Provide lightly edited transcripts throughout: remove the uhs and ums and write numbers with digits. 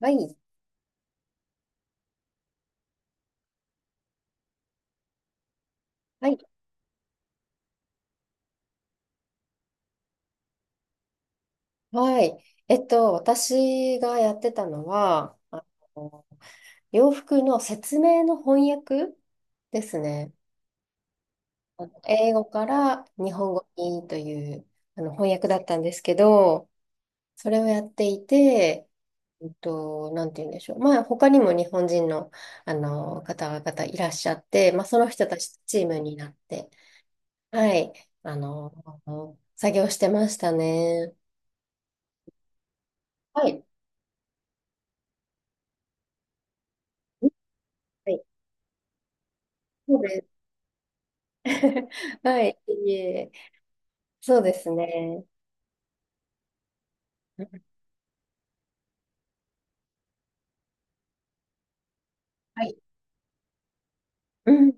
はい。はい。はい。私がやってたのは、の、洋服の説明の翻訳ですね。あの英語から日本語にという、翻訳だったんですけど、それをやっていて、なんて言うんでしょう。まあ、他にも日本人の、方々いらっしゃって、まあ、その人たちとチームになって、はい。あの、作業してましたね。はい。はい、そうです。 はい、いえ、そうですね。はい。うん、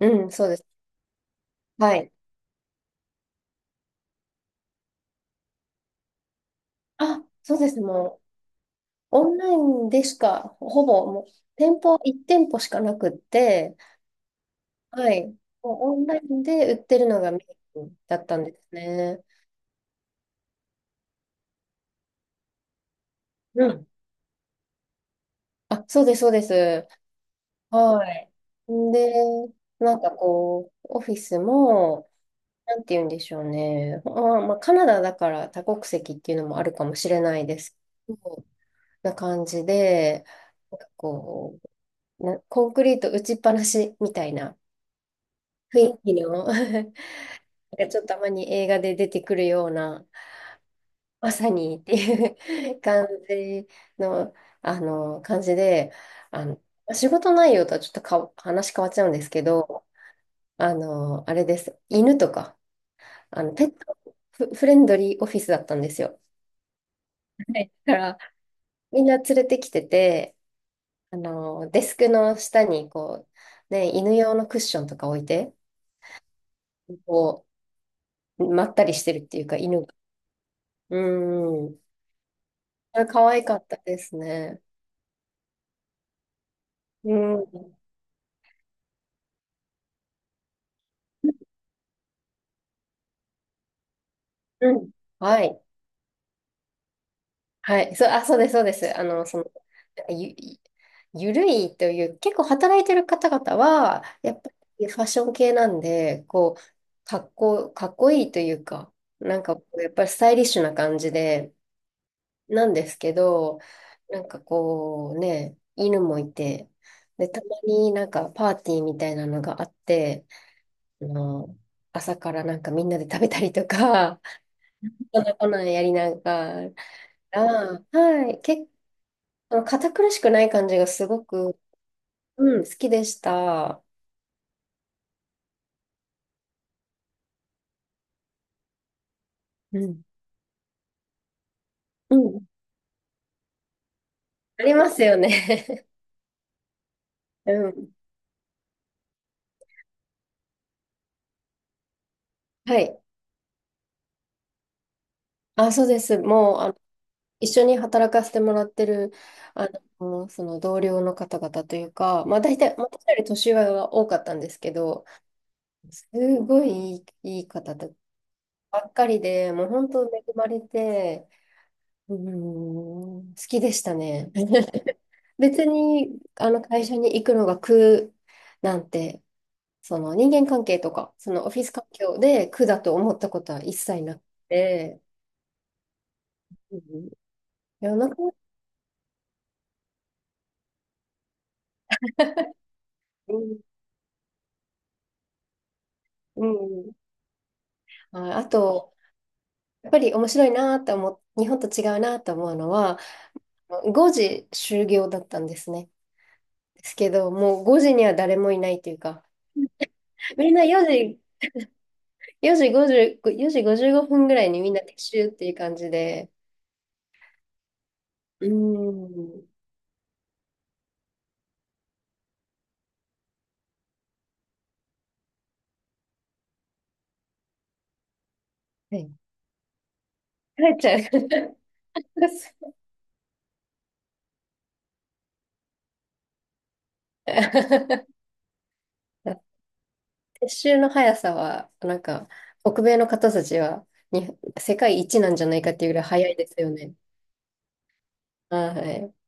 うん、そうです。はい。あ、そうです。もう、オンラインでしか、ほぼ、もう、店舗、1店舗しかなくって、はい。もう、オンラインで売ってるのがメインだったんですね。うん。あ、そうです、そうです。はい。で、なんかこう、オフィスも、なんて言うんでしょうね。まあ、カナダだから多国籍っていうのもあるかもしれないですけど。な感じで、なんかこう、なコンクリート打ちっぱなしみたいな雰囲気の なんかちょっとたまに映画で出てくるような、まさにっていう 感じの、感じで、あの、仕事内容とはちょっとか話変わっちゃうんですけど、あれです。犬とか、ペットフ、フレンドリーオフィスだったんですよ。はい、だから、みんな連れてきてて、デスクの下に、こう、ね、犬用のクッションとか置いて、こう、まったりしてるっていうか、犬が。うん。あれ、可愛かったですね。うん。うん。はい。はい。そう、あ、そうです、そうです。ゆ、ゆるいという、結構働いてる方々は、やっぱりファッション系なんで、こう、かっこいいというか、なんか、やっぱりスタイリッシュな感じで、なんですけど、なんかこうね、犬もいて、で、たまになんかパーティーみたいなのがあって、あの、朝からなんかみんなで食べたりとか、こんなんやりながら、はい、結構堅苦しくない感じがすごく、うん、好きでした。うん。うん。ありますよね。うん。はい。あ、そうです。もう、一緒に働かせてもらってる、あその同僚の方々というか、まあ大体、私より年上は多かったんですけど、すごいいい、いい方ばっかりで、もう本当恵まれて、うーん、好きでしたね。別に、会社に行くのが苦なんて、その人間関係とか、そのオフィス環境で苦だと思ったことは一切なくて、うん、いや、なんか、うん、うん。あ、あと、やっぱり面白いなと思う、日本と違うなと思うのは、5時終業だったんですね。ですけど、もう5時には誰もいないというか、みんな4時、4時50、4時55分ぐらいにみんな撤収っていう感じで、うーん、はい、帰っちゃう。撤収の速さは、なんか、北米の方たちはに、世界一なんじゃないかっていうぐらい早いですよね。は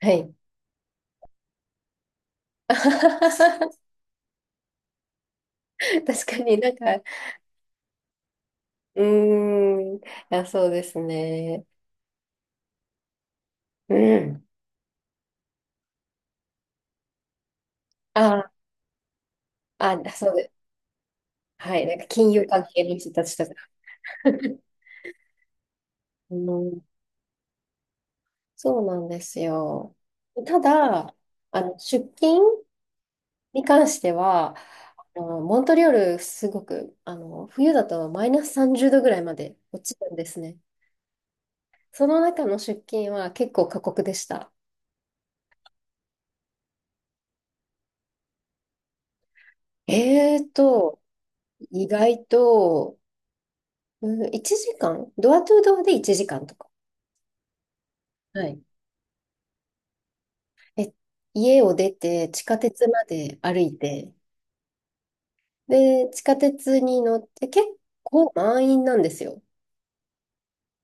い。はい。確かになんか、うーん。あ、そうですね。うん。あ、あ、そうです。はい。なんか金融関係の人たちとか。うん、そうなんですよ。ただ、出勤に関しては、モントリオール、すごく、冬だとマイナス30度ぐらいまで落ちるんですね。その中の出勤は結構過酷でした。えーと、意外と、うん、1時間、ドアトゥードアで1時間とか。はい。え、家を出て地下鉄まで歩いて、で、地下鉄に乗って結構満員なんですよ。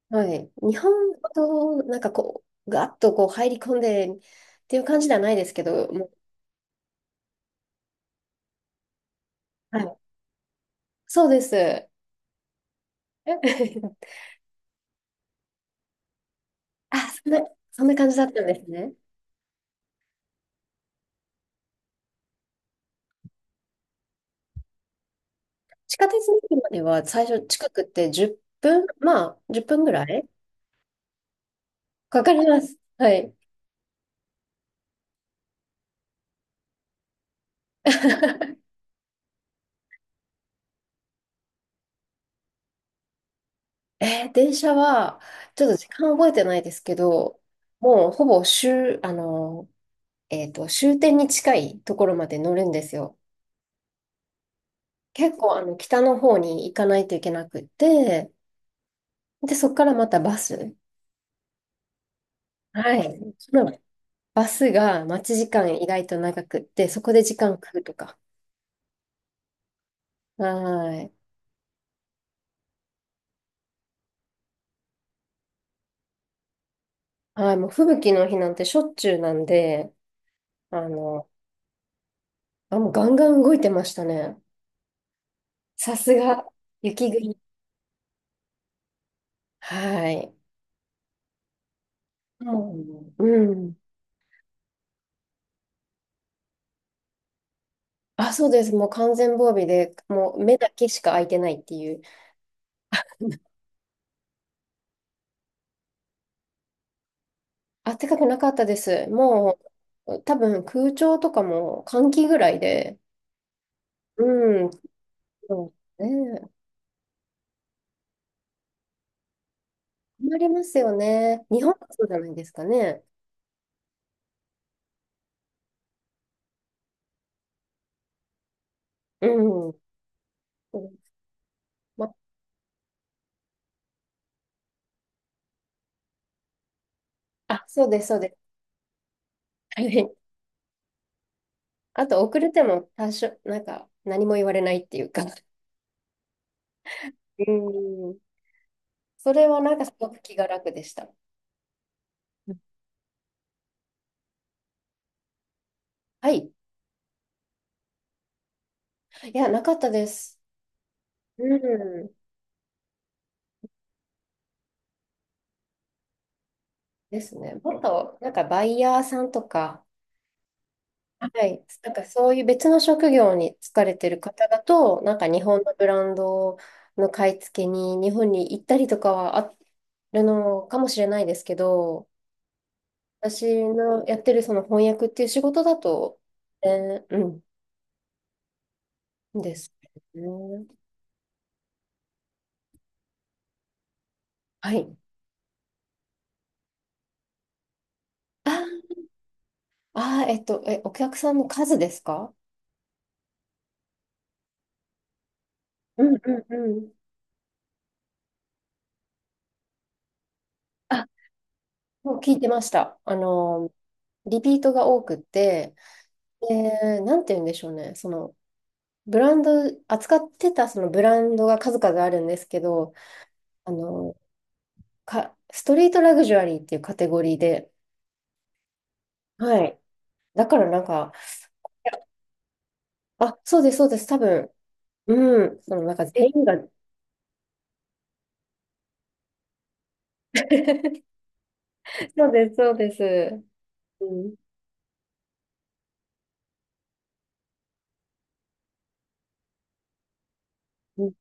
はい。日本ほど、なんかこう、ガッとこう入り込んでっていう感じではないですけど、もう、はい。そうです。え あ、そんな、そんな感じだったんですね。地下鉄の駅までは最初近くって10分、まあ、10分ぐらいかかります。はい。えー、電車は、ちょっと時間覚えてないですけど、もうほぼ終、終点に近いところまで乗るんですよ。結構、北の方に行かないといけなくって、で、そこからまたバス。はい。そのバスが待ち時間意外と長くって、そこで時間食うとか。はい。はい、もう吹雪の日なんてしょっちゅうなんで、あの、あ、もうガンガン動いてましたね。さすが、雪国。はい。うんうん。あ、そうです。もう完全防備で、もう目だけしか開いてないっていう。あったかくなかったです。もう、多分空調とかも換気ぐらいで。うん。そうね。困りますよね。日本はそうじゃないですかね。うん。うん、ま、あ、そうです、そうです。はい、あと、遅れても多少、なんか、何も言われないっていうか。うん。それはなんかすごく気が楽でした。はい。いや、なかったです。うん。ですね。もっと、なんかバイヤーさんとか、はい、なんかそういう別の職業に疲れてる方だと、なんか日本のブランドの買い付けに日本に行ったりとかはあるのかもしれないですけど、私のやってるその翻訳っていう仕事だと、えー、うん、ですね。はい。ああー、え、お客さんの数ですか？うんうんうん。あ、もう聞いてました。リピートが多くって、で、なんて言うんでしょうね。その、ブランド、扱ってたそのブランドが数々あるんですけど、あの、ストリートラグジュアリーっていうカテゴリーで、はい。だからなんか、あ、そうです、そうです、多分、うん、そのなんか全員が、そうです、そうです。うん、う